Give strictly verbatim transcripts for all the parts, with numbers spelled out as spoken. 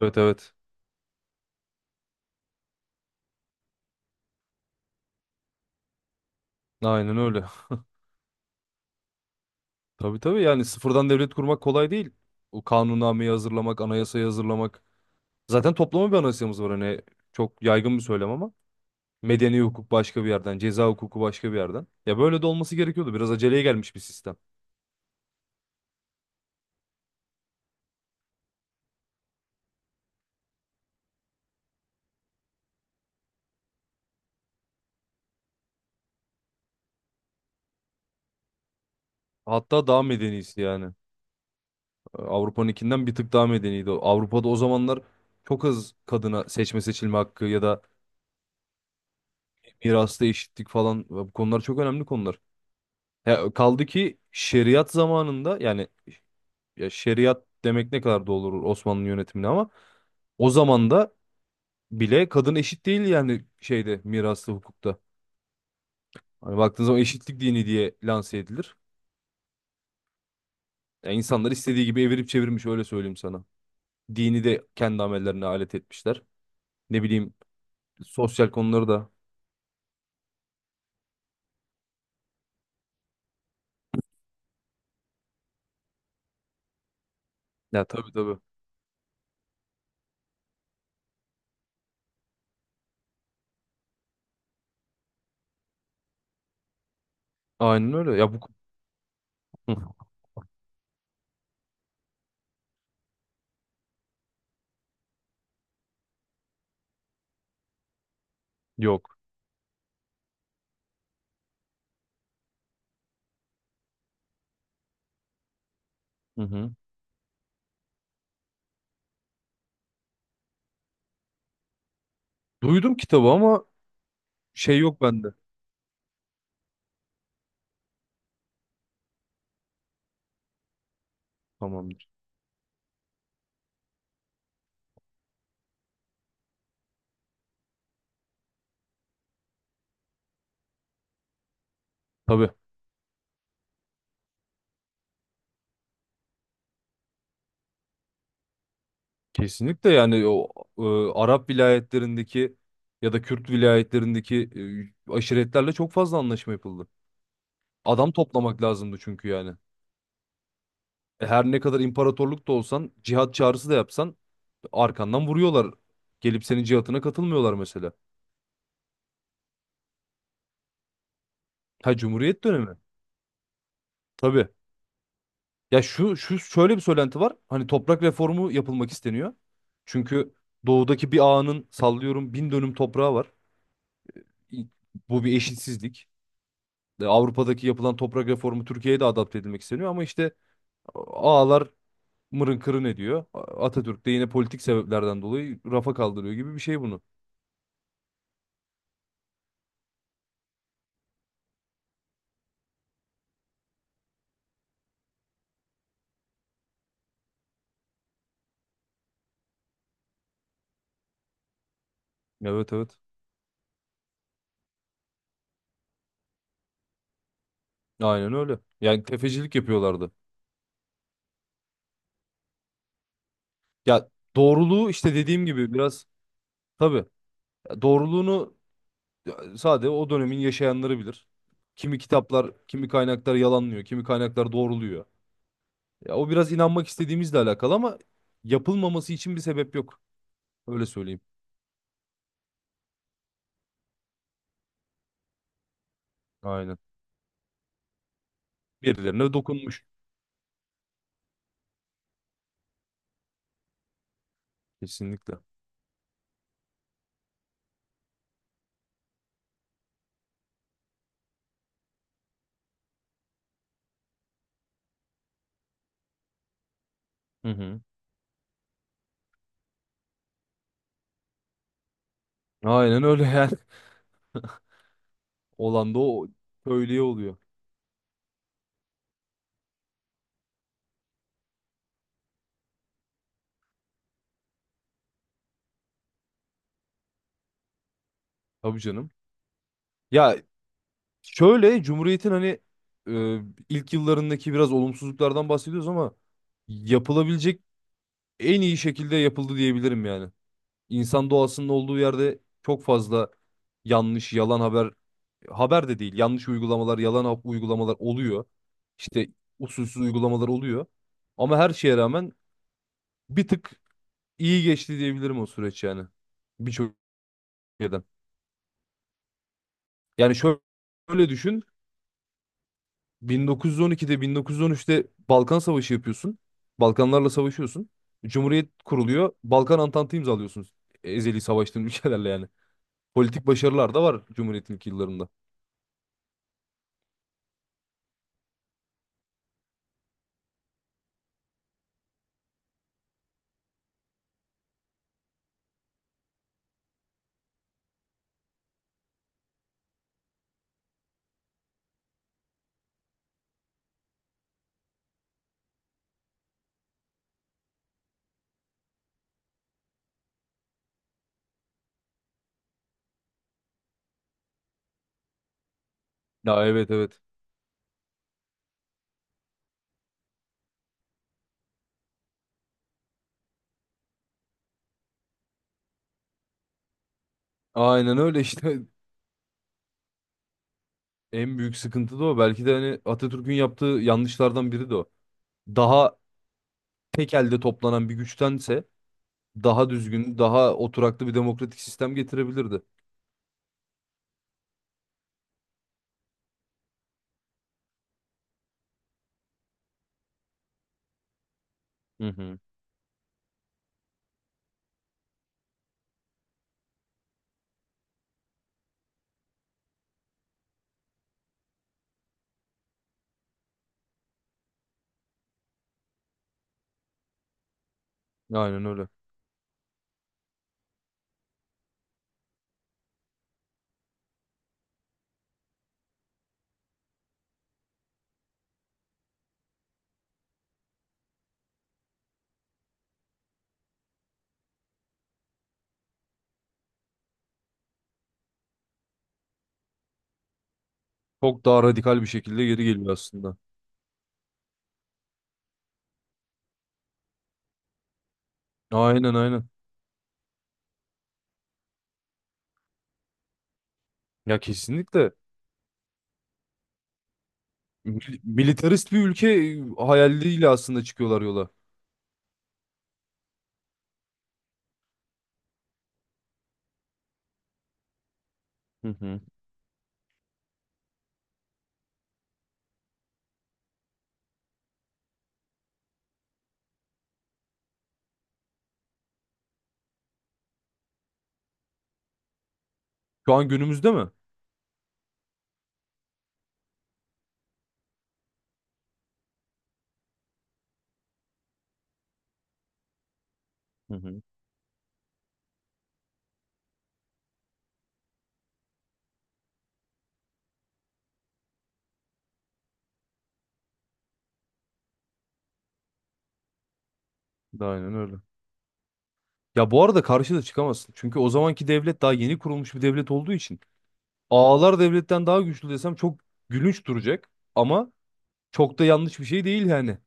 Evet, evet. Aynen öyle. Tabii, tabii, yani sıfırdan devlet kurmak kolay değil. O kanunnameyi hazırlamak, anayasayı hazırlamak. Zaten toplama bir anayasamız var, hani çok yaygın bir söylem ama. Medeni hukuk başka bir yerden, ceza hukuku başka bir yerden. Ya böyle de olması gerekiyordu. Biraz aceleye gelmiş bir sistem. Hatta daha medenisi yani. Avrupa'nınkinden bir tık daha medeniydi. Avrupa'da o zamanlar çok az kadına seçme seçilme hakkı ya da mirasta eşitlik falan, e, bu konular çok önemli konular. Ya kaldı ki şeriat zamanında yani, ya şeriat demek ne kadar doğru olur Osmanlı yönetimine, ama o zamanda bile kadın eşit değil, yani şeyde, miraslı hukukta. Hani baktığın zaman eşitlik dini diye lanse edilir. Yani insanlar istediği gibi evirip çevirmiş, öyle söyleyeyim sana. Dini de kendi amellerine alet etmişler. Ne bileyim, sosyal konuları da. Ya tabii, tabii. Aynen öyle. Ya bu. Hı, yok. Hı hı. Duydum kitabı ama şey, yok bende. Tamamdır. Tabii. Kesinlikle, yani o e, Arap vilayetlerindeki ya da Kürt vilayetlerindeki e, aşiretlerle çok fazla anlaşma yapıldı. Adam toplamak lazımdı çünkü yani. E, her ne kadar imparatorluk da olsan, cihat çağrısı da yapsan, arkandan vuruyorlar. Gelip senin cihatına katılmıyorlar mesela. Ha, Cumhuriyet dönemi. Tabii. Ya şu şu şöyle bir söylenti var. Hani toprak reformu yapılmak isteniyor. Çünkü doğudaki bir ağanın, sallıyorum, bin dönüm toprağı var. İ- Bu bir eşitsizlik. E, Avrupa'daki yapılan toprak reformu Türkiye'ye de adapte edilmek isteniyor, ama işte ağalar mırın kırın ediyor. A- Atatürk de yine politik sebeplerden dolayı rafa kaldırıyor gibi bir şey bunu. Evet, evet. Aynen öyle. Yani tefecilik yapıyorlardı. Ya doğruluğu, işte dediğim gibi biraz, tabii. Ya doğruluğunu. Ya, sadece o dönemin yaşayanları bilir. Kimi kitaplar, kimi kaynaklar yalanlıyor, kimi kaynaklar doğruluyor. Ya o biraz inanmak istediğimizle alakalı ama yapılmaması için bir sebep yok. Öyle söyleyeyim. Aynen. Birilerine dokunmuş. Kesinlikle. Hı hı. Aynen öyle yani. Olan da o köylüye oluyor. Tabii canım. Ya şöyle, Cumhuriyet'in hani e, ilk yıllarındaki biraz olumsuzluklardan bahsediyoruz ama yapılabilecek en iyi şekilde yapıldı diyebilirim yani. İnsan doğasının olduğu yerde çok fazla yanlış, yalan haber, haber de değil, yanlış uygulamalar, yalan hap- uygulamalar oluyor. İşte usulsüz uygulamalar oluyor. Ama her şeye rağmen bir tık iyi geçti diyebilirim o süreç yani. Birçok şeyden. Yani şöyle, şöyle düşün. bin dokuz yüz on ikide, bin dokuz yüz on üçte Balkan Savaşı yapıyorsun. Balkanlarla savaşıyorsun. Cumhuriyet kuruluyor. Balkan Antantı imzalıyorsunuz. Ezeli savaştığın ülkelerle yani. Politik başarılar da var Cumhuriyet'in ilk yıllarında. Ya evet, evet. Aynen öyle işte. En büyük sıkıntı da o. Belki de hani Atatürk'ün yaptığı yanlışlardan biri de o. Daha tek elde toplanan bir güçtense daha düzgün, daha oturaklı bir demokratik sistem getirebilirdi. Hı hı. Aynen öyle. Çok daha radikal bir şekilde geri geliyor aslında. Aynen, aynen. Ya kesinlikle. Mil- Militarist bir ülke hayaliyle aslında çıkıyorlar yola. Hı hı. Şu an günümüzde mi? Hı hı. Aynen öyle. Ya bu arada karşı da çıkamazsın. Çünkü o zamanki devlet daha yeni kurulmuş bir devlet olduğu için ağalar devletten daha güçlü desem çok gülünç duracak, ama çok da yanlış bir şey değil yani.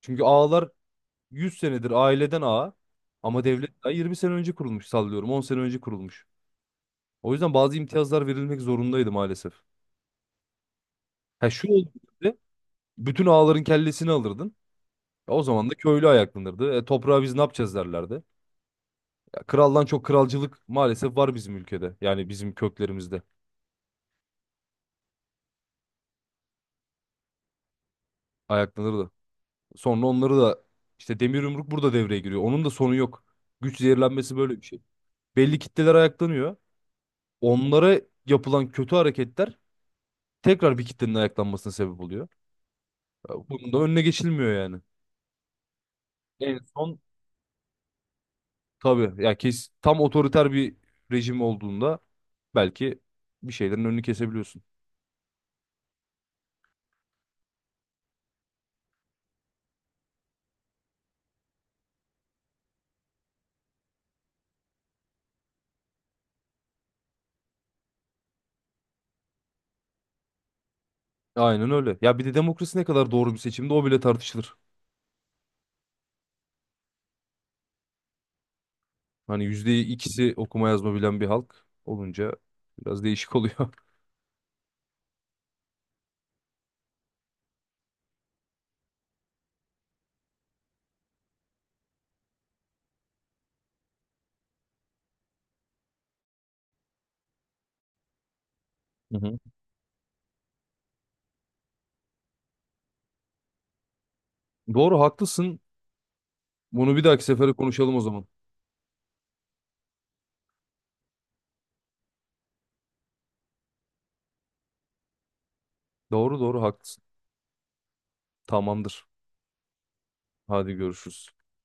Çünkü ağalar yüz senedir aileden ağa, ama devlet daha yirmi sene önce kurulmuş, sallıyorum on sene önce kurulmuş. O yüzden bazı imtiyazlar verilmek zorundaydı maalesef. Ha, şu olduğunda bütün ağaların kellesini alırdın. Ya, o zaman da köylü ayaklanırdı. E, toprağı biz ne yapacağız derlerdi. Ya, kraldan çok kralcılık maalesef var bizim ülkede. Yani bizim köklerimizde ayaklanırdı. Sonra onları da işte demir yumruk burada devreye giriyor. Onun da sonu yok. Güç zehirlenmesi böyle bir şey. Belli kitleler ayaklanıyor. Onlara yapılan kötü hareketler tekrar bir kitlenin ayaklanmasına sebep oluyor. Ya bunun da önüne geçilmiyor yani. En son, tabii ya, kes, tam otoriter bir rejim olduğunda belki bir şeylerin önünü kesebiliyorsun. Aynen öyle. Ya bir de demokrasi ne kadar doğru bir seçimde, o bile tartışılır. Hani yüzde ikisi okuma yazma bilen bir halk olunca biraz değişik oluyor. Hı hı. Doğru, haklısın. Bunu bir dahaki sefere konuşalım o zaman. Doğru, doğru, haklısın. Tamamdır. Hadi görüşürüz.